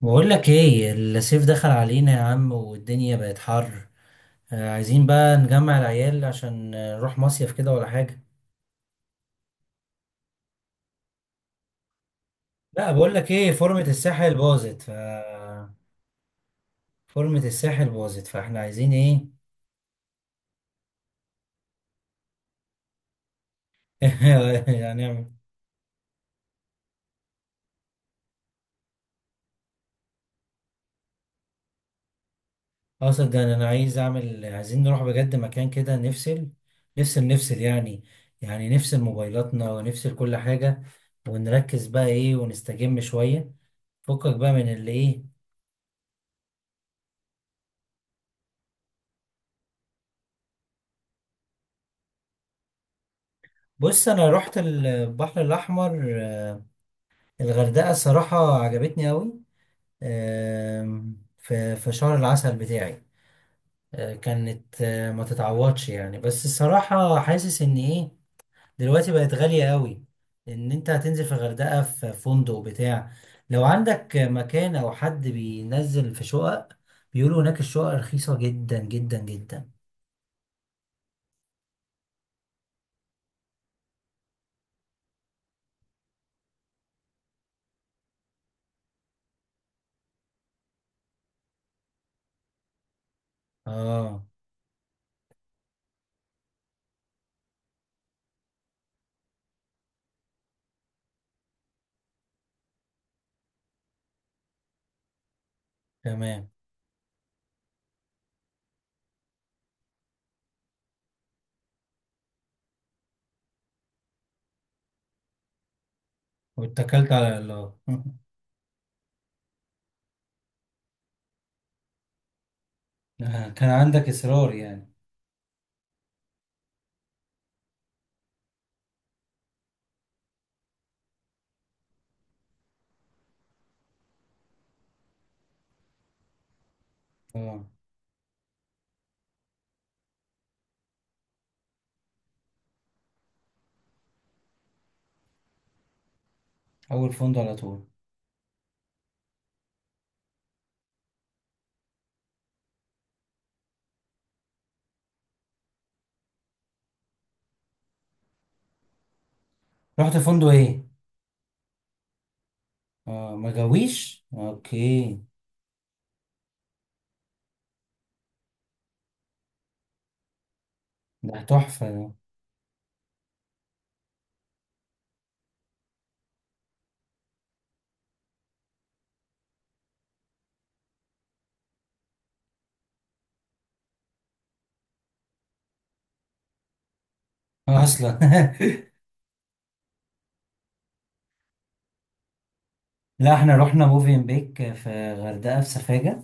بقول لك ايه، الصيف دخل علينا يا عم والدنيا بقت حر. عايزين بقى نجمع العيال عشان نروح مصيف كده ولا حاجة. لا بقول لك ايه، فورمة الساحل باظت . فورمة الساحل باظت فاحنا عايزين ايه؟ يعني نعمل. اقصد ده أنا عايز اعمل، عايزين نروح بجد مكان كده نفصل. نفصل يعني. يعني نفصل موبايلاتنا ونفصل كل حاجة، ونركز بقى ايه ونستجم شوية. فكك بقى من اللي ايه. بص انا رحت البحر الاحمر. الغردقه الصراحه عجبتني قوي، في شهر العسل بتاعي. كانت ما تتعوضش يعني، بس الصراحه حاسس ان ايه، دلوقتي بقت غاليه قوي. ان انت هتنزل في الغردقه في فندق بتاع، لو عندك مكان او حد بينزل في شقق، بيقولوا هناك الشقق رخيصه جدا جدا جدا. اه، تمام. واتكلت على الله. كان عندك اصرار يعني. اه، اول فندق على طول. رحت فندق ايه؟ اه ما جاويش، اوكي. ده تحفه ده. اصلا. لا احنا رحنا موفين بيك في غردقه في سفاجه،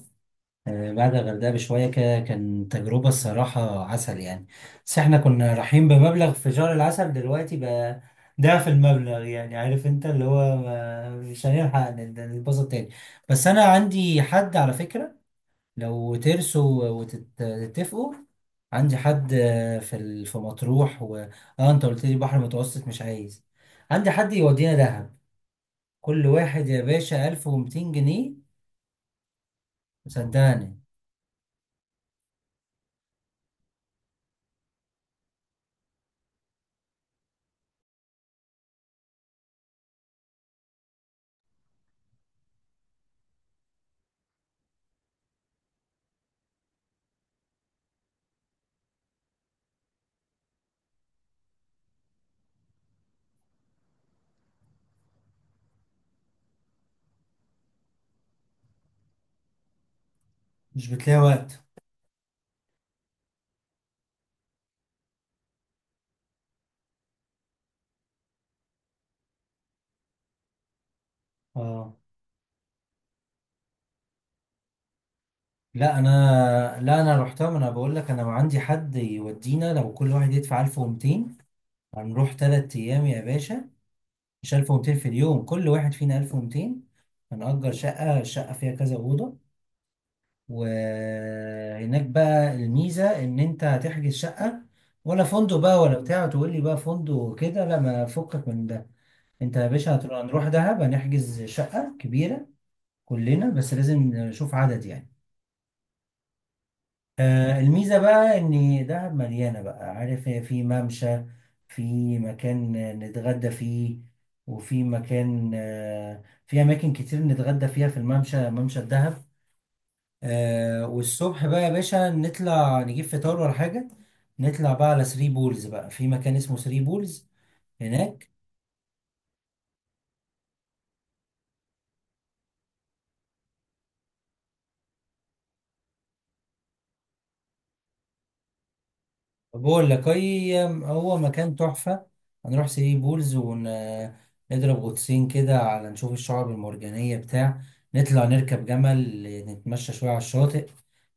بعد الغردقه بشويه كده، كان تجربه الصراحه عسل يعني. بس احنا كنا رايحين بمبلغ في شهر العسل، دلوقتي بقى ضعف المبلغ يعني. عارف انت اللي هو مش هنلحق نتبسط تاني. بس انا عندي حد على فكره، لو ترسوا وتتفقوا. عندي حد في في مطروح و... اه انت قلت لي بحر متوسط مش عايز. عندي حد يودينا دهب، كل واحد يا باشا 1200 جنيه. صدقني. مش بتلاقي وقت. اه، لا انا. لا انا رحتها، ما انا بقول لك انا عندي حد يودينا، لو كل واحد يدفع 1200 هنروح 3 ايام يا باشا، مش 1200 في اليوم، كل واحد فينا 1200. هنأجر شقة، الشقة فيها كذا أوضة. وهناك بقى الميزة إن أنت هتحجز شقة ولا فندق بقى ولا بتاع، تقول لي بقى فندق كده لا، ما فكك من ده. أنت يا باشا هتروح- هنروح دهب، هنحجز شقة كبيرة كلنا، بس لازم نشوف عدد يعني. آه، الميزة بقى إن دهب مليانة بقى، عارف هي في ممشى، في مكان نتغدى فيه، وفي مكان آه في أماكن كتير نتغدى فيها في الممشى، ممشى الدهب. آه والصبح بقى يا باشا نطلع نجيب فطار ولا حاجة، نطلع بقى على ثري بولز، بقى في مكان اسمه ثري بولز هناك. بقول لك هي هو مكان تحفة. هنروح ثري بولز ونضرب غطسين كده على نشوف الشعاب المرجانية بتاع، نطلع نركب جمل، نتمشى شوية على الشاطئ.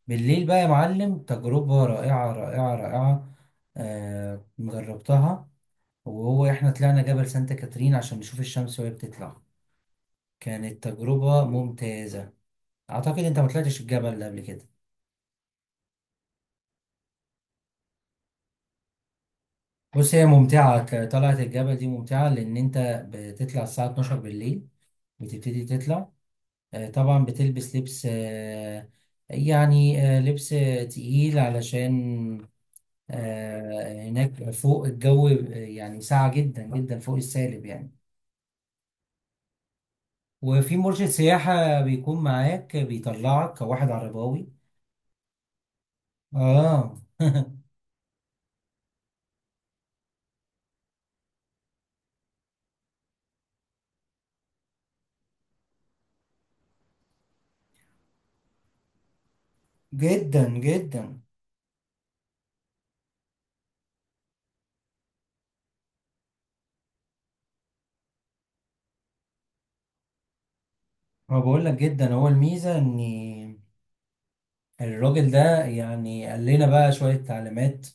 بالليل بقى يا معلم تجربة رائعة رائعة رائعة. آه جربتها. وهو احنا طلعنا جبل سانتا كاترين عشان نشوف الشمس وهي بتطلع، كانت تجربة ممتازة. أعتقد أنت ما طلعتش الجبل ده قبل كده. بص هي ممتعة، طلعة الجبل دي ممتعة، لأن أنت بتطلع الساعة 12 بالليل، بتبتدي تطلع. طبعا بتلبس لبس، يعني لبس تقيل، علشان هناك فوق الجو يعني ساقع جدا جدا فوق السالب يعني. وفي مرشد سياحة بيكون معاك، بيطلعك كواحد عرباوي. آه جدا جدا. ما بقول لك جدا، هو الميزه ان الراجل ده يعني قال لنا بقى شويه تعليمات.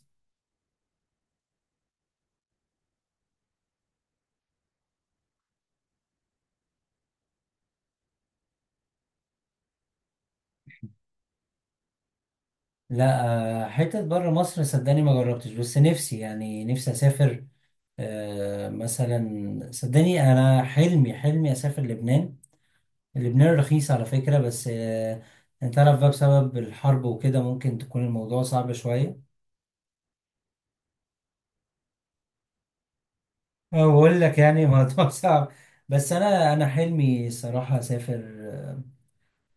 لا، حتت بره مصر صدقني ما جربتش، بس نفسي يعني نفسي اسافر. مثلا صدقني انا حلمي اسافر لبنان. لبنان رخيص على فكره، بس انت عارف بقى بسبب الحرب وكده ممكن تكون الموضوع صعب شويه. أنا بقول لك يعني الموضوع صعب. بس انا حلمي صراحه اسافر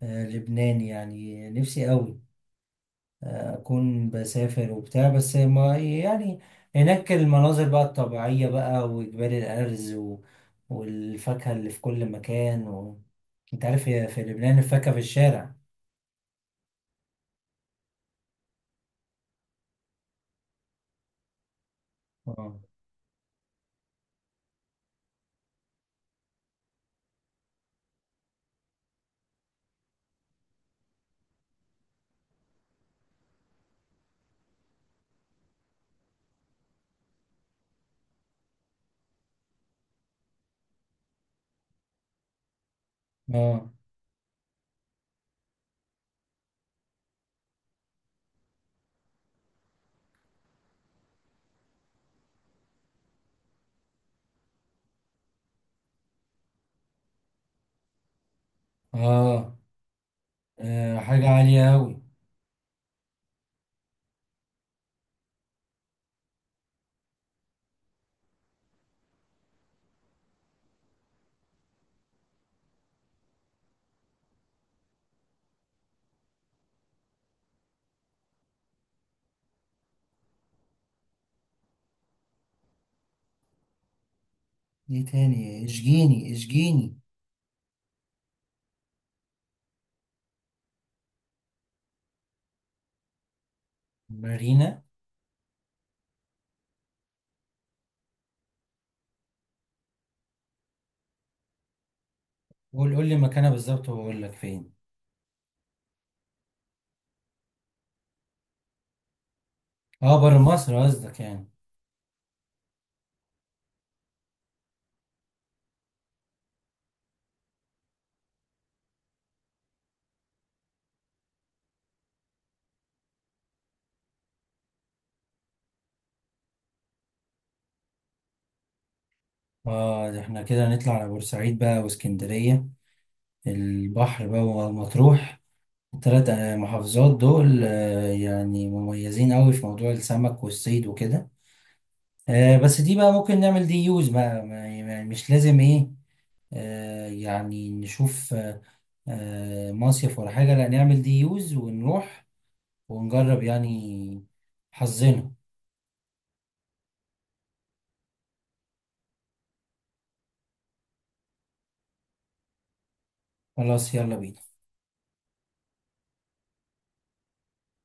لبنان، يعني نفسي قوي. أكون بسافر وبتاع، بس ما يعني، هناك المناظر بقى الطبيعية بقى، وجبال الأرز و... والفاكهة اللي في كل مكان و... أنت عارف يا، في لبنان الفاكهة في الشارع. اه اه اه. آه، حاجة عالية أوي. دي تاني اشجيني اشجيني. مارينا. قول لي مكانها بالظبط وأقول لك فين. اه بره مصر قصدك يعني. اه، ده احنا كده نطلع على بورسعيد بقى واسكندرية، البحر بقى، ومطروح، التلات محافظات دول يعني مميزين قوي في موضوع السمك والصيد وكده. بس دي بقى ممكن نعمل دي يوز بقى، مش لازم ايه. يعني نشوف مصيف ولا حاجة، لا نعمل دي يوز ونروح ونجرب يعني حظنا. خلاص، يلا بينا.